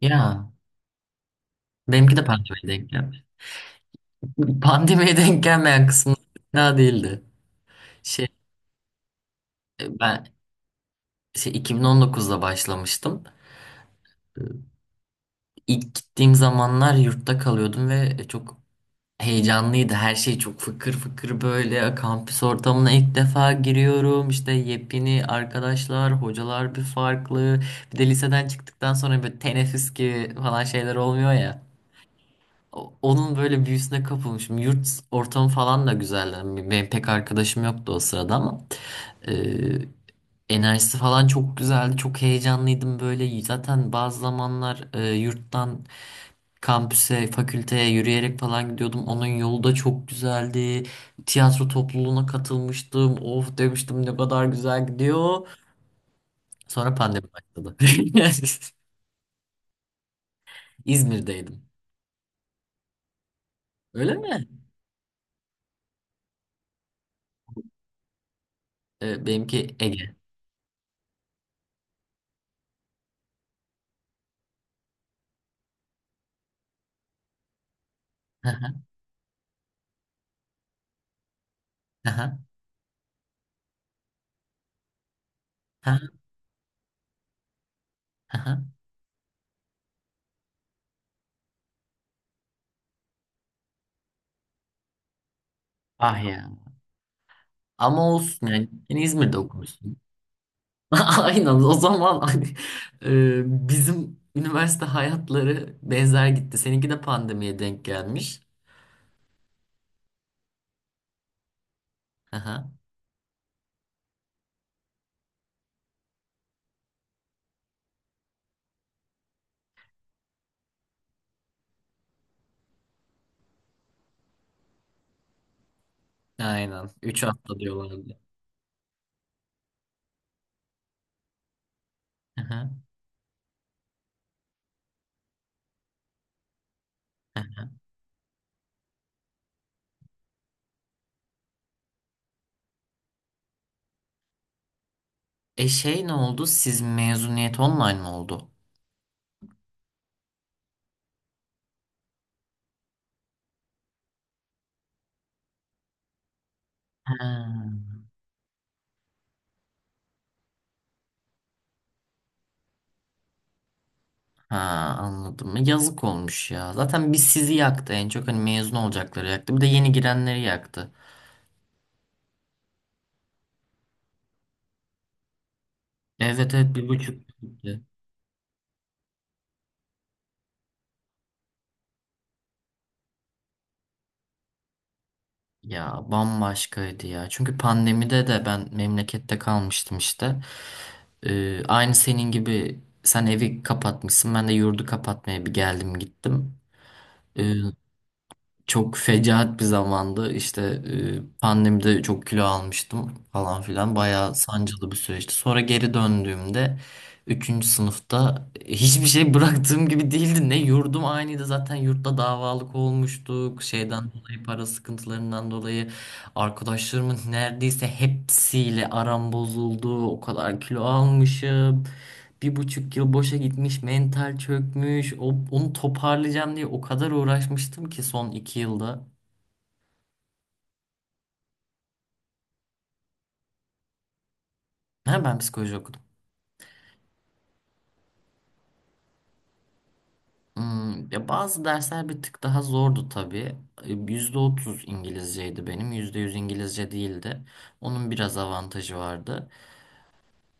Ya benimki de pandemiye denk gelmiş. Pandemiye denk gelmeyen kısmı daha değildi. Şey ben 2019'da başlamıştım. İlk gittiğim zamanlar yurtta kalıyordum ve çok heyecanlıydı. Her şey çok fıkır fıkır böyle. Kampüs ortamına ilk defa giriyorum. İşte yepyeni arkadaşlar, hocalar bir farklı. Bir de liseden çıktıktan sonra böyle teneffüs gibi falan şeyler olmuyor ya. Onun böyle büyüsüne kapılmışım. Yurt ortamı falan da güzeldi. Yani benim pek arkadaşım yoktu o sırada ama e, enerjisi falan çok güzeldi. Çok heyecanlıydım böyle. Zaten bazı zamanlar yurttan kampüse, fakülteye yürüyerek falan gidiyordum. Onun yolu da çok güzeldi. Tiyatro topluluğuna katılmıştım. Of demiştim, ne kadar güzel gidiyor. Sonra pandemi başladı. İzmir'deydim. Öyle mi? Benimki Ege. Hı hı, hı. Ah ya. Ama olsun yani. Yani İzmir'de okumuşsun. Aynen, o zaman hani, bizim üniversite hayatları benzer gitti. Seninki de pandemiye denk gelmiş. Aha, aynen. Üç hafta diyorlardı. Aha. E ne oldu? Siz mezuniyet online mi oldu? Ha, ha, anladım. Yazık olmuş ya. Zaten biz, sizi yaktı en çok. Hani mezun olacakları yaktı. Bir de yeni girenleri yaktı. Evet evet, bir buçuk. Ya bambaşkaydı ya. Çünkü pandemide de ben memlekette kalmıştım işte. Aynı senin gibi, sen evi kapatmışsın. Ben de yurdu kapatmaya bir geldim gittim, çok fecaat bir zamandı. İşte pandemide çok kilo almıştım falan filan. Bayağı sancılı bir süreçti. Sonra geri döndüğümde üçüncü sınıfta hiçbir şey bıraktığım gibi değildi. Ne yurdum aynıydı. Zaten yurtta davalık olmuştuk. Şeyden dolayı, para sıkıntılarından dolayı arkadaşlarımın neredeyse hepsiyle aram bozuldu. O kadar kilo almışım, bir buçuk yıl boşa gitmiş, mental çökmüş. Onu toparlayacağım diye o kadar uğraşmıştım ki son iki yılda. Ha, ben psikoloji okudum. Hmm, ya bazı dersler bir tık daha zordu tabii. Yüzde otuz İngilizceydi benim. Yüzde yüz İngilizce değildi. Onun biraz avantajı vardı.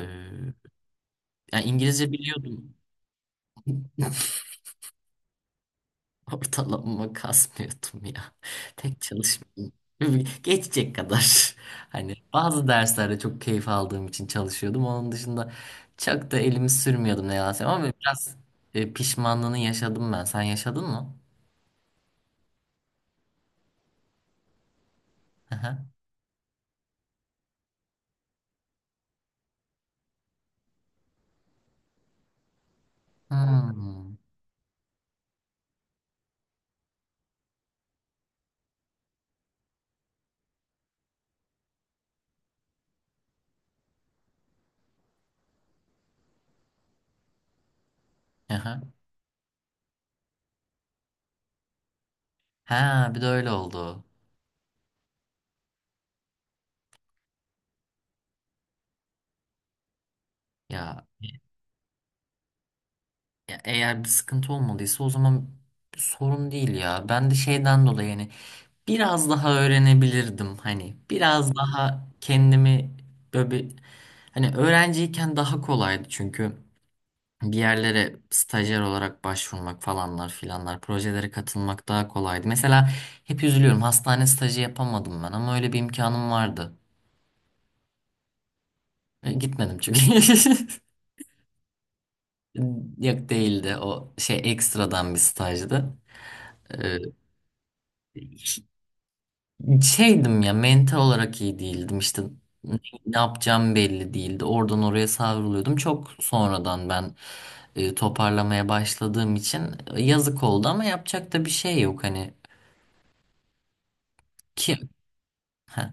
Ee, Yani İngilizce biliyordum. Ortalamama kasmıyordum ya. Pek çalışmıyordum. Geçecek kadar. Hani bazı derslerde çok keyif aldığım için çalışıyordum. Onun dışında çok da elimi sürmüyordum, ne yalan söyleyeyim. Ama biraz pişmanlığını yaşadım ben. Sen yaşadın mı? Aha. Hmm. Aha. Ha, bir de öyle oldu. Ya, ya eğer bir sıkıntı olmadıysa o zaman bir sorun değil ya. Ben de şeyden dolayı yani biraz daha öğrenebilirdim, hani biraz daha kendimi böyle bir, hani öğrenciyken daha kolaydı çünkü bir yerlere stajyer olarak başvurmak falanlar filanlar, projelere katılmak daha kolaydı. Mesela hep üzülüyorum, hastane stajı yapamadım ben ama öyle bir imkanım vardı. Gitmedim çünkü. Yok değildi, o şey ekstradan bir stajdı. Ee, Şeydim ya, mental olarak iyi değildim işte, ne ne yapacağım belli değildi, oradan oraya savruluyordum, çok sonradan ben toparlamaya başladığım için yazık oldu ama yapacak da bir şey yok hani ki Heh,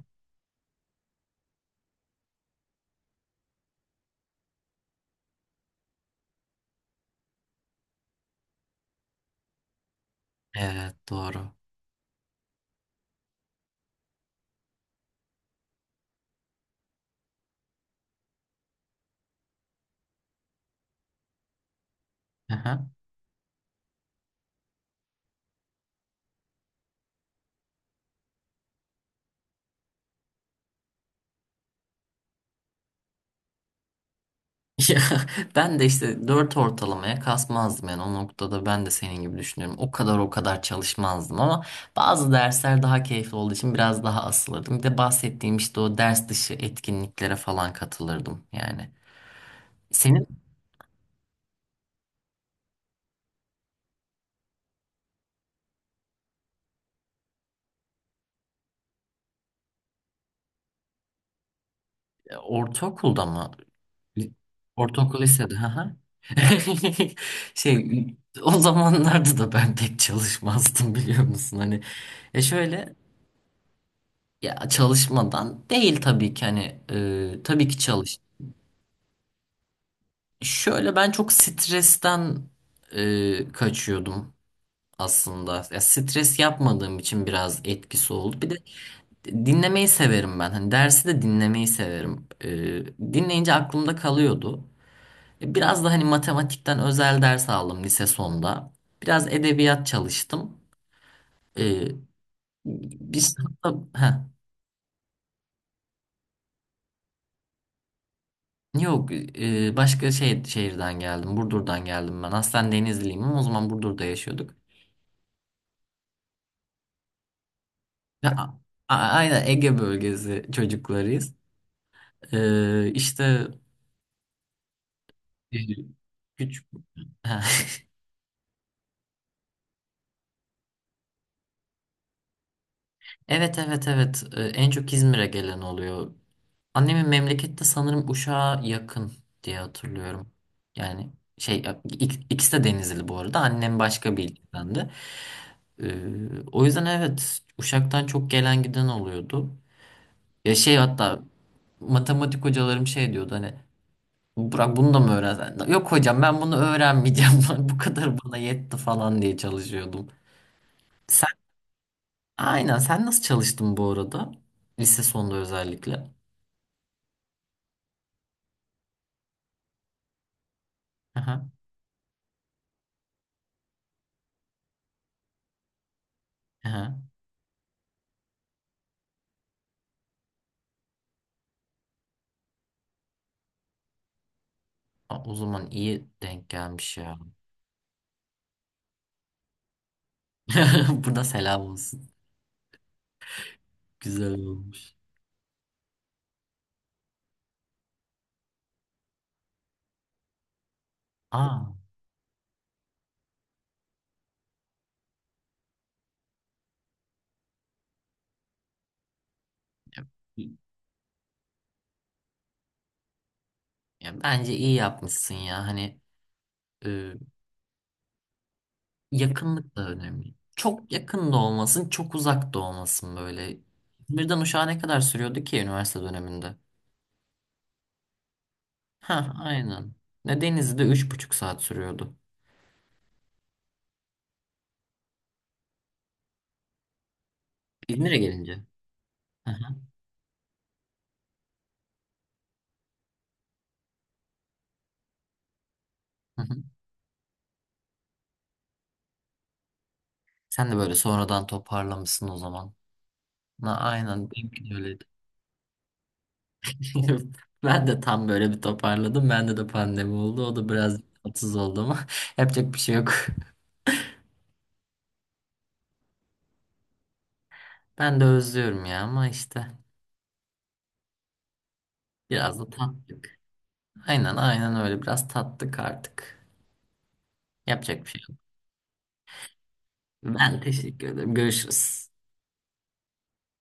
evet, doğru. Aha. Ya, ben de işte dört ortalamaya kasmazdım yani, o noktada ben de senin gibi düşünüyorum, o kadar o kadar çalışmazdım ama bazı dersler daha keyifli olduğu için biraz daha asılırdım. Bir de bahsettiğim işte o ders dışı etkinliklere falan katılırdım yani. Senin Ortaokulda mı? Ortaokul lisede. Hı hı. Şey, o zamanlarda da ben pek çalışmazdım biliyor musun? Hani şöyle ya, çalışmadan değil tabii ki, hani tabii ki çalış. Şöyle, ben çok stresten kaçıyordum aslında. Ya, stres yapmadığım için biraz etkisi oldu. Bir de dinlemeyi severim ben. Hani dersi de dinlemeyi severim. Dinleyince aklımda kalıyordu. Biraz da hani matematikten özel ders aldım lise sonunda. Biraz edebiyat çalıştım. Ee, biz ha yok, başka şehirden geldim. Burdur''dan geldim ben. Aslen Denizliyim ama o zaman Burdur'da yaşıyorduk. Ve a- aynen, Ege bölgesi çocuklarıyız. Ee, işte e, Küçük. Evet evet evet. En çok İzmir'e gelen oluyor. Annemin memlekette sanırım Uşak'a yakın diye hatırlıyorum. Yani ikisi de Denizli, bu arada. Annem başka bir ildendi. O yüzden evet, Uşak'tan çok gelen giden oluyordu. Ya şey, hatta matematik hocalarım şey diyordu, hani, Burak bunu da mı öğrensen? Yok hocam, ben bunu öğrenmeyeceğim. Bu kadar bana yetti falan diye çalışıyordum. Sen aynen sen nasıl çalıştın bu arada? Lise sonunda özellikle. Aha, aha. Aa, o zaman iyi denk gelmiş ya. Burada selam olsun. Güzel olmuş. Aa, ya, ya bence iyi yapmışsın ya. Hani e, yakınlık da önemli. Çok yakın da olmasın, çok uzak da olmasın böyle. İzmir'den Uşak'a ne kadar sürüyordu ki üniversite döneminde? Ha, aynen. Ne, Denizli'de üç buçuk saat sürüyordu. İzmir'e gelince. Hı hı, hı hı. Sen de böyle sonradan toparlamışsın o zaman. Na, aynen benimki de öyleydi. Ben de tam böyle bir toparladım. Bende de pandemi oldu. O da biraz tatsız oldu ama yapacak bir şey yok. Ben de özlüyorum ya ama işte biraz da tattık. Aynen aynen, öyle, biraz tattık artık. Yapacak bir şey yok. Ben teşekkür ederim. Görüşürüz.